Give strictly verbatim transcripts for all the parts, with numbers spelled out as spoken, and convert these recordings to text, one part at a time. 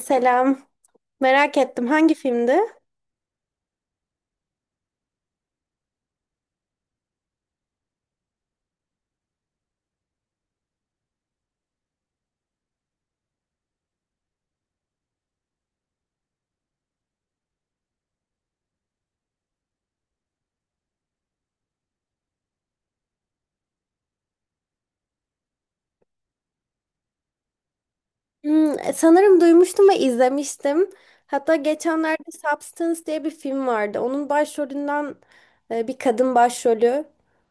Selam. Merak ettim hangi filmdi? Hmm, sanırım duymuştum ve izlemiştim. Hatta geçenlerde Substance diye bir film vardı. Onun başrolünden e, bir kadın başrolü.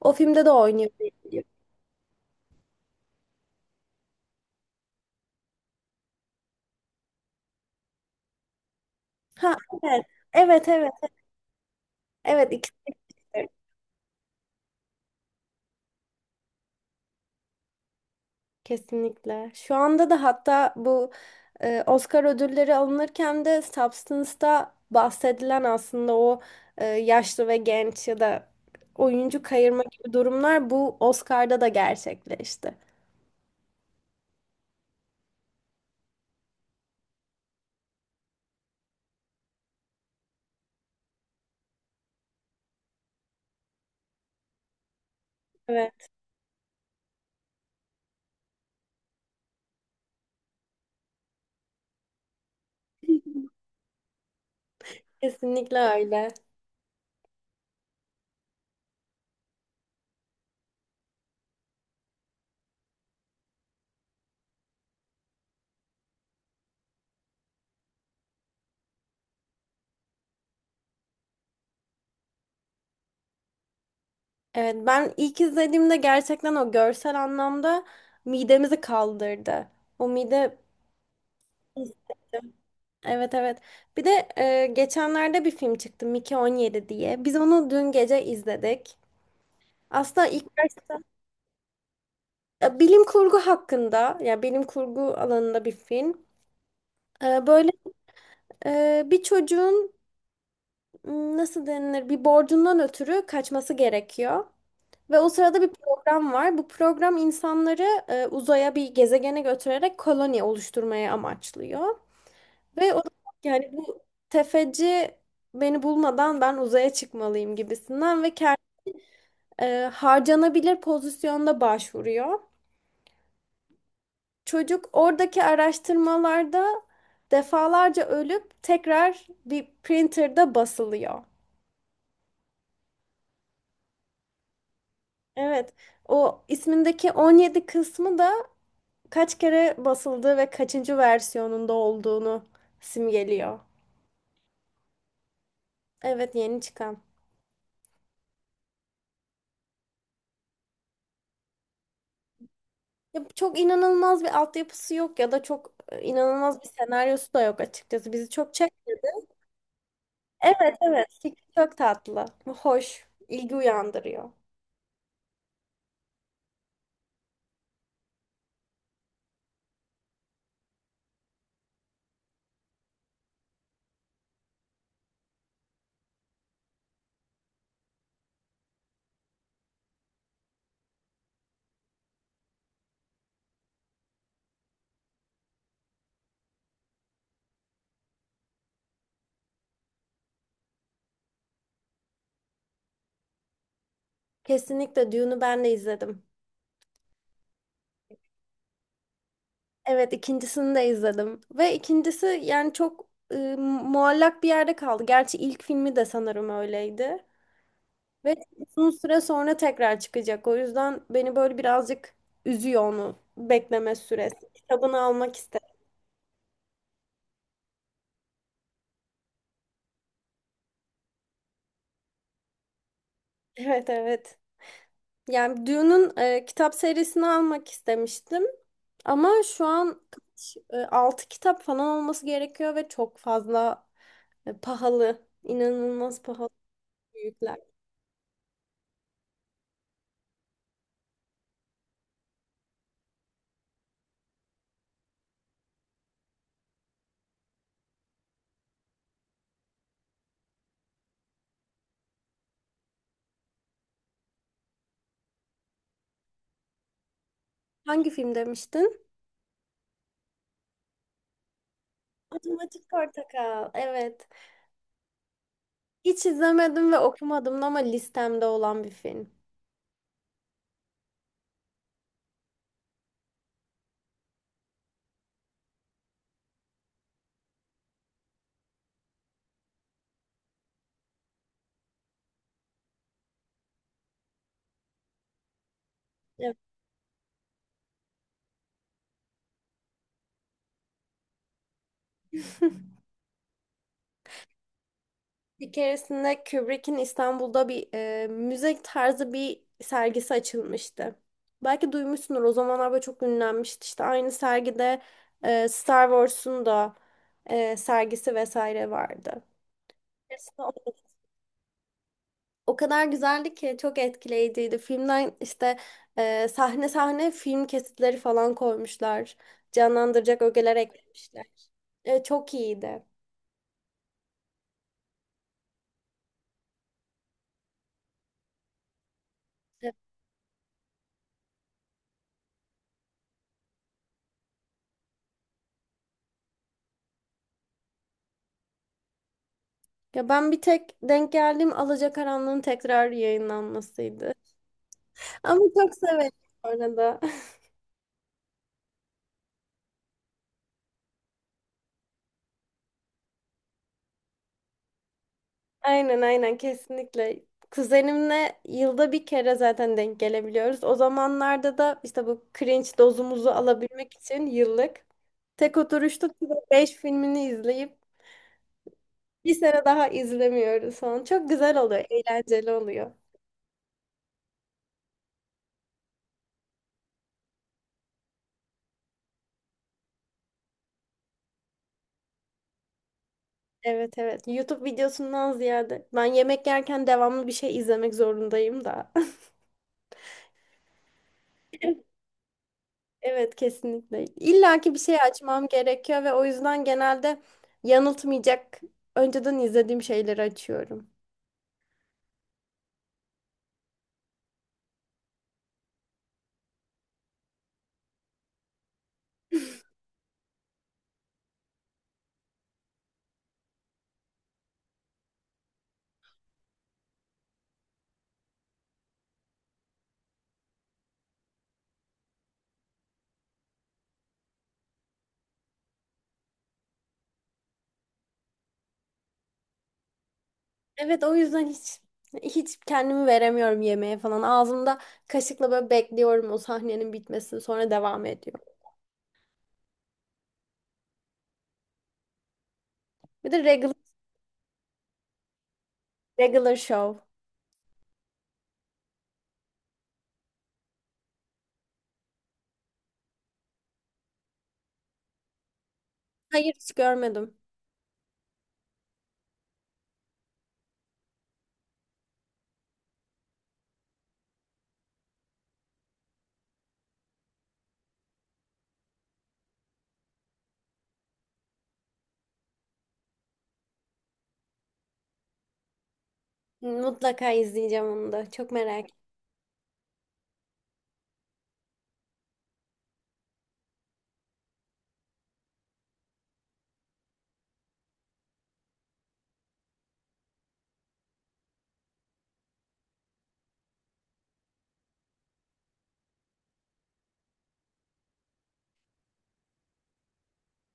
O filmde de oynuyor diye biliyorum. Ha, evet. Evet, evet. Evet, ikisi. Kesinlikle. Şu anda da hatta bu e, Oscar ödülleri alınırken de Substance'da bahsedilen aslında o e, yaşlı ve genç ya da oyuncu kayırma gibi durumlar bu Oscar'da da gerçekleşti. Evet, kesinlikle öyle. Evet, ben ilk izlediğimde gerçekten o görsel anlamda midemizi kaldırdı. O mide hissettim. Evet, evet. Bir de e, geçenlerde bir film çıktı, Mickey on yedi diye. Biz onu dün gece izledik. Aslında ilk baş- e, Bilim kurgu hakkında, ya bilim kurgu alanında bir film. E, böyle e, bir çocuğun m, nasıl denilir, bir borcundan ötürü kaçması gerekiyor. Ve o sırada bir program var. Bu program insanları e, uzaya, bir gezegene götürerek koloni oluşturmaya amaçlıyor. Ve o da yani bu tefeci beni bulmadan ben uzaya çıkmalıyım gibisinden ve kendi harcanabilir pozisyonda başvuruyor. Çocuk oradaki araştırmalarda defalarca ölüp tekrar bir printer'da basılıyor. Evet. O ismindeki on yedi kısmı da kaç kere basıldığı ve kaçıncı versiyonunda olduğunu simgeliyor. Evet, yeni çıkan. Ya çok inanılmaz bir altyapısı yok ya da çok e, inanılmaz bir senaryosu da yok açıkçası. Bizi çok çek. Evet, evet. Fikri çok tatlı. Hoş. İlgi uyandırıyor. Kesinlikle Dune'u ben de izledim. Evet, ikincisini de izledim. Ve ikincisi yani çok e, muallak bir yerde kaldı. Gerçi ilk filmi de sanırım öyleydi. Ve uzun süre sonra tekrar çıkacak. O yüzden beni böyle birazcık üzüyor onu bekleme süresi. Kitabını almak istedim. Evet, evet. Yani Dune'un e, kitap serisini almak istemiştim. Ama şu an kaç, altı kitap falan olması gerekiyor ve çok fazla e, pahalı. İnanılmaz pahalı büyükler. Hangi film demiştin? Matematik Portakal. Evet. Hiç izlemedim ve okumadım ama listemde olan bir film. Evet. Bir keresinde Kubrick'in İstanbul'da bir e, müze tarzı bir sergisi açılmıştı. Belki duymuşsundur, o zamanlar böyle çok ünlenmişti. İşte aynı sergide e, Star Wars'un da e, sergisi vesaire vardı. Aslında O o kadar güzeldi ki çok etkileyiciydi. Filmden işte e, sahne sahne film kesitleri falan koymuşlar. Canlandıracak ögeler eklemişler. E, çok iyiydi. Ya ben bir tek denk geldiğim Alacakaranlığın tekrar yayınlanmasıydı. Ama çok severim orada. Aynen, aynen, kesinlikle. Kuzenimle yılda bir kere zaten denk gelebiliyoruz. O zamanlarda da işte bu cringe dozumuzu alabilmek için yıllık tek oturuşta beş filmini izleyip bir sene daha izlemiyoruz falan. Çok güzel oluyor, eğlenceli oluyor. Evet, evet. YouTube videosundan ziyade ben yemek yerken devamlı bir şey izlemek zorundayım da. Evet, kesinlikle. İlla ki bir şey açmam gerekiyor ve o yüzden genelde yanıltmayacak, önceden izlediğim şeyleri açıyorum. Evet, o yüzden hiç hiç kendimi veremiyorum yemeğe falan. Ağzımda kaşıkla böyle bekliyorum o sahnenin bitmesini, sonra devam ediyor. Bir de regular, regular show. Hayır, hiç görmedim. Mutlaka izleyeceğim onu da. Çok merak ettim.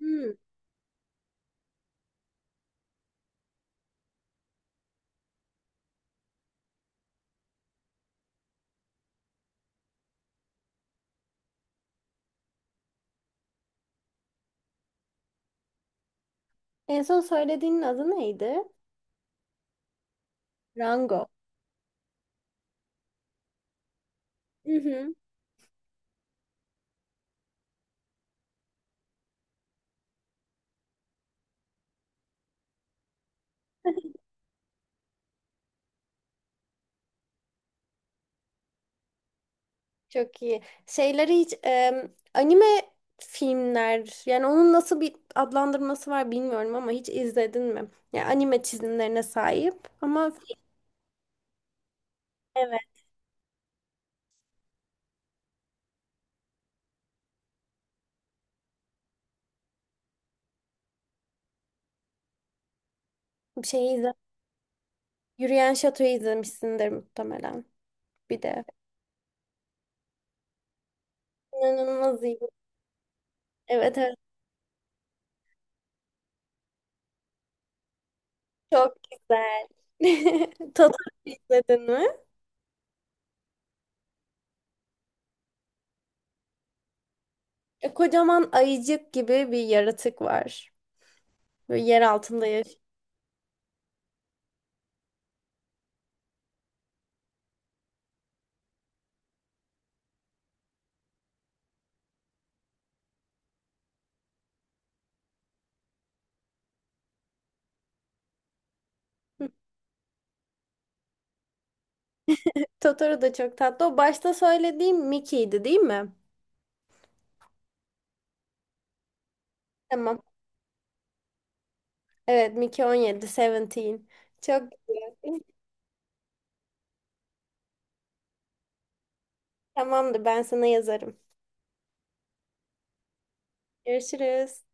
Hmm. En son söylediğinin adı neydi? Rango. Hı hı. Çok iyi. Şeyleri hiç em, anime filmler, yani onun nasıl bir adlandırması var bilmiyorum ama hiç izledin mi? Yani anime çizimlerine sahip ama evet bir şey izle. Yürüyen Şato'yu izlemişsindir muhtemelen bir de. İnanılmaz iyi. Evet, evet, çok güzel. Totoro izledin mi? E, kocaman ayıcık gibi bir yaratık var. Böyle yer altında yaşıyor. Totoro da çok tatlı. O başta söylediğim Mickey'di, değil mi? Tamam. Evet, Mickey on yedi, on yedi. Çok güzel. Tamamdır, ben sana yazarım. Görüşürüz.